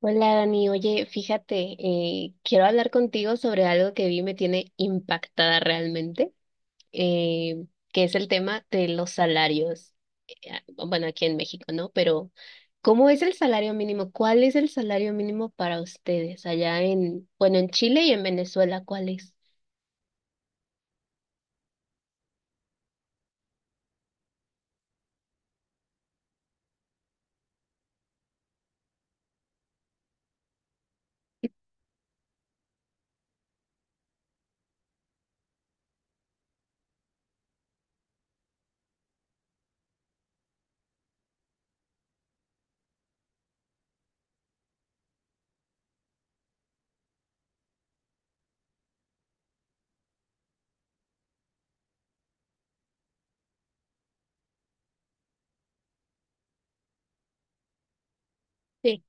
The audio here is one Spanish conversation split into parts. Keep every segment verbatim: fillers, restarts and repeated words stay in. Hola Dani, oye, fíjate, eh, quiero hablar contigo sobre algo que vi me tiene impactada realmente, eh, que es el tema de los salarios. Eh, ah, bueno, aquí en México, ¿no? Pero, ¿cómo es el salario mínimo? ¿Cuál es el salario mínimo para ustedes allá en, bueno, en Chile y en Venezuela, cuál es? Sí,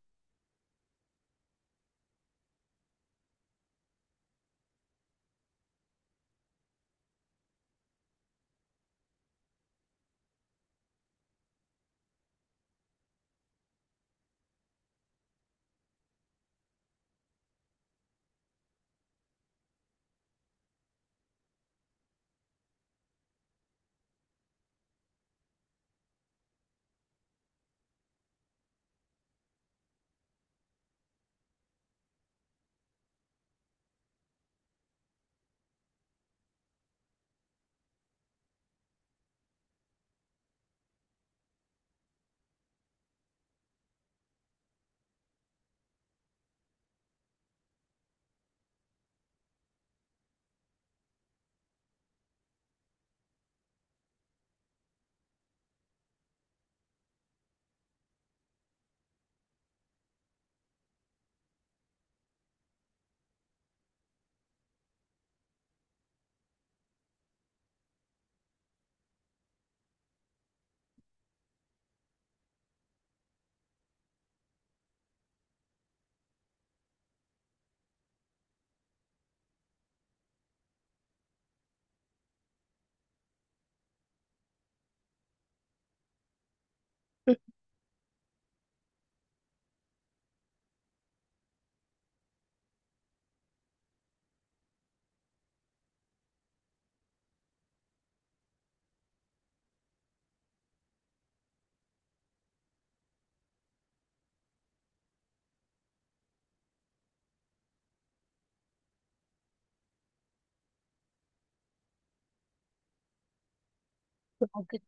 como que-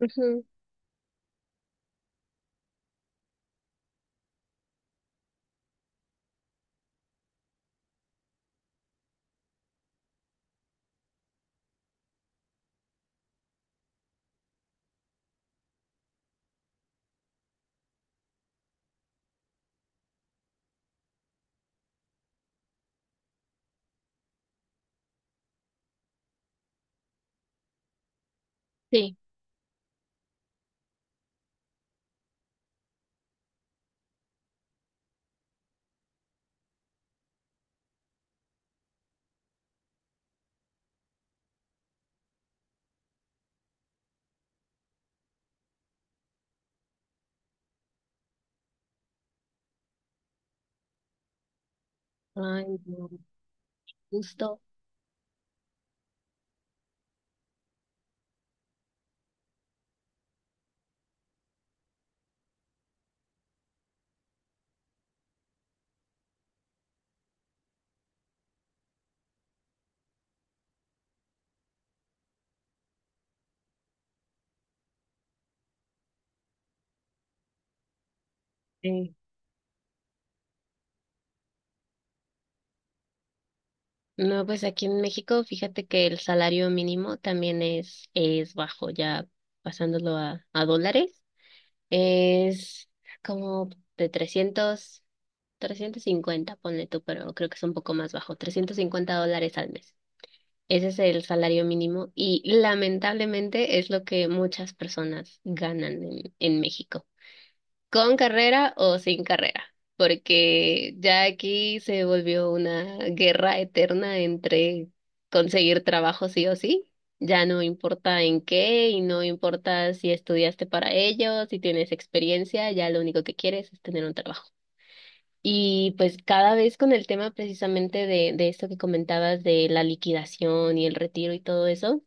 ujú, sí. Ay, no, justo. No, pues aquí en México, fíjate que el salario mínimo también es, es bajo, ya pasándolo a, a dólares, es como de trescientos trescientos cincuenta ponle tú, pero creo que es un poco más bajo, trescientos cincuenta dólares al mes. Ese es el salario mínimo, y lamentablemente es lo que muchas personas ganan en, en México, con carrera o sin carrera, porque ya aquí se volvió una guerra eterna entre conseguir trabajo sí o sí. Ya no importa en qué, y no importa si estudiaste para ello, si tienes experiencia, ya lo único que quieres es tener un trabajo. Y pues cada vez con el tema precisamente de, de esto que comentabas de la liquidación y el retiro y todo eso.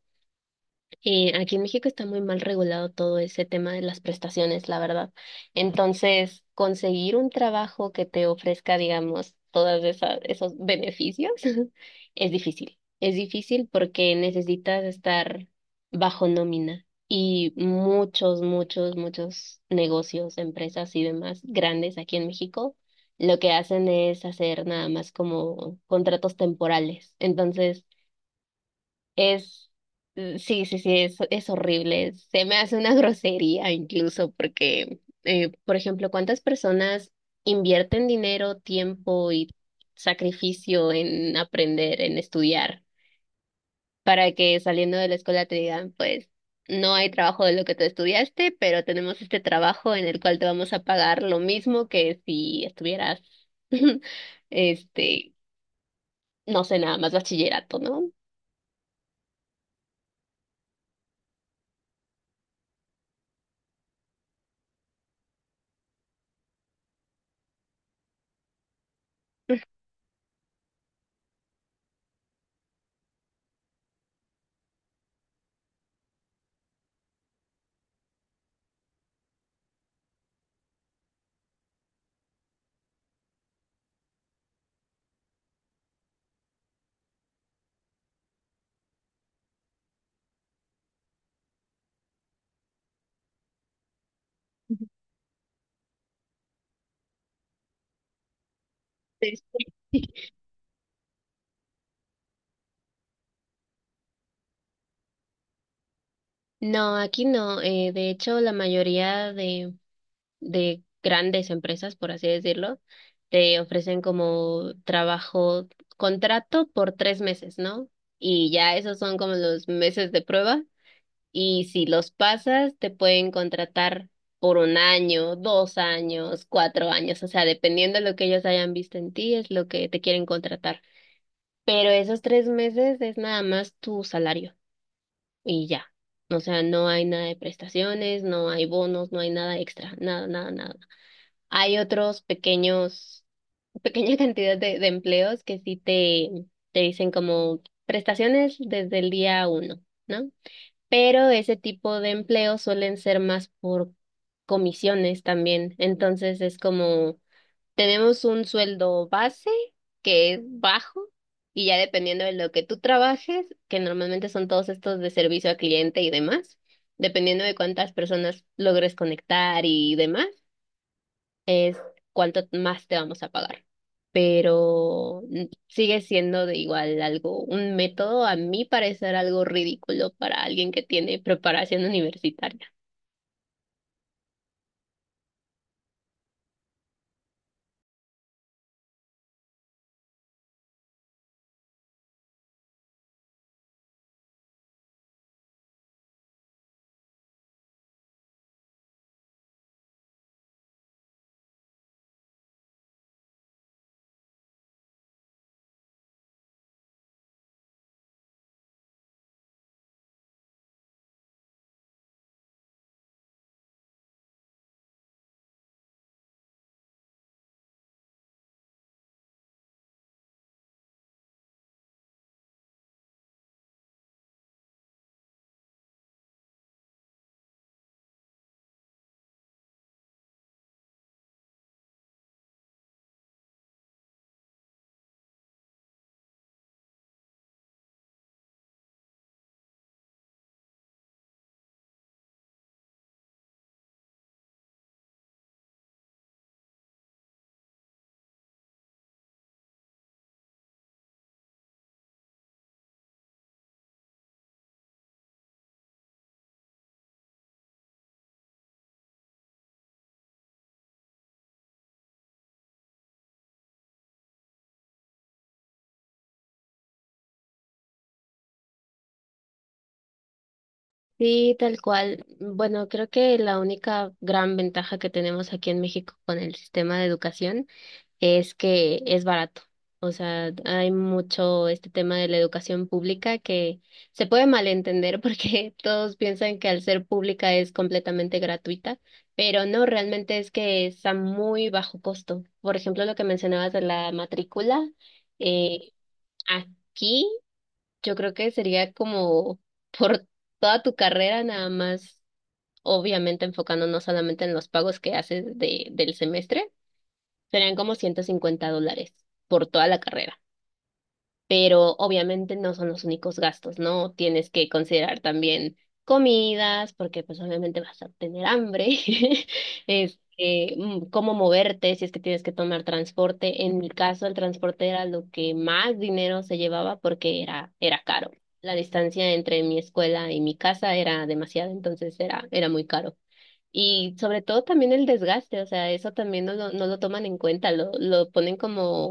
Eh, aquí en México está muy mal regulado todo ese tema de las prestaciones, la verdad. Entonces, conseguir un trabajo que te ofrezca, digamos, todos esos beneficios es difícil. Es difícil porque necesitas estar bajo nómina, y muchos, muchos, muchos negocios, empresas y demás grandes aquí en México lo que hacen es hacer nada más como contratos temporales. Entonces, es, mm, sí, sí, sí, es, es horrible. Se me hace una grosería incluso porque, eh, por ejemplo, ¿cuántas personas invierten dinero, tiempo y sacrificio en aprender, en estudiar, para que saliendo de la escuela te digan, pues, no hay trabajo de lo que tú estudiaste, pero tenemos este trabajo en el cual te vamos a pagar lo mismo que si estuvieras, este, no sé, nada más bachillerato, ¿no? No, aquí no. Eh, de hecho, la mayoría de, de grandes empresas, por así decirlo, te ofrecen como trabajo, contrato por tres meses, ¿no? Y ya esos son como los meses de prueba. Y si los pasas, te pueden contratar por un año, dos años, cuatro años. O sea, dependiendo de lo que ellos hayan visto en ti, es lo que te quieren contratar. Pero esos tres meses es nada más tu salario y ya. O sea, no hay nada de prestaciones, no hay bonos, no hay nada extra, nada, nada, nada. Hay otros pequeños, pequeña cantidad de, de empleos que sí te, te dicen como prestaciones desde el día uno, ¿no? Pero ese tipo de empleos suelen ser más por comisiones también. Entonces es como, tenemos un sueldo base que es bajo, y ya dependiendo de lo que tú trabajes, que normalmente son todos estos de servicio al cliente y demás, dependiendo de cuántas personas logres conectar y demás, es cuánto más te vamos a pagar. Pero mm, sigue siendo de igual algo, un método a mí parecer algo ridículo para alguien que tiene preparación universitaria. Sí, tal cual. Bueno, creo que la única gran ventaja que tenemos aquí en México con el sistema de educación es que es barato. O sea, hay mucho este tema de la educación pública que se puede malentender porque todos piensan que al ser pública es completamente gratuita, pero no, realmente es que es a muy bajo costo. Por ejemplo, lo que mencionabas de la matrícula, eh, aquí. Yo creo que sería como por toda tu carrera, nada más, obviamente enfocándonos solamente en los pagos que haces de, del semestre, serían como ciento cincuenta dólares por toda la carrera, pero obviamente no son los únicos gastos, ¿no? Tienes que considerar también comidas, porque pues obviamente vas a tener hambre. Este, mm, cómo moverte, si es que tienes que tomar transporte. En mi caso, el transporte era lo que más dinero se llevaba porque era, era caro. La distancia entre mi escuela y mi casa era demasiada, entonces era, era muy caro. Y sobre todo también el desgaste, o sea, eso también no lo, no lo toman en cuenta, lo, lo ponen como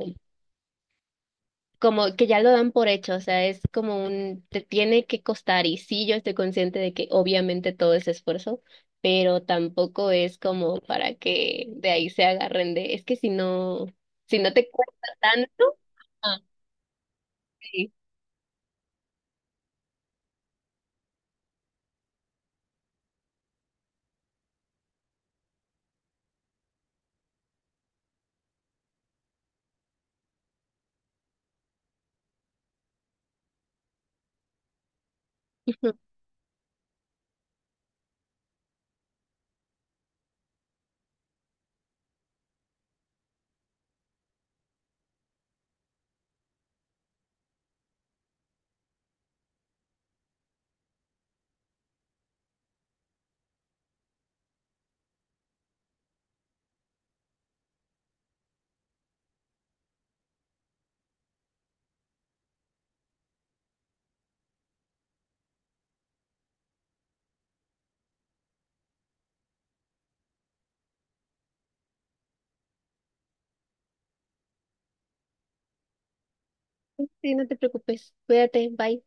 como que ya lo dan por hecho. O sea, es como un, te tiene que costar, y sí, yo estoy consciente de que obviamente todo es esfuerzo, pero tampoco es como para que de ahí se agarren de, es que si no, si no te cuesta tanto, ah, sí, sí, no te preocupes, cuídate, bye.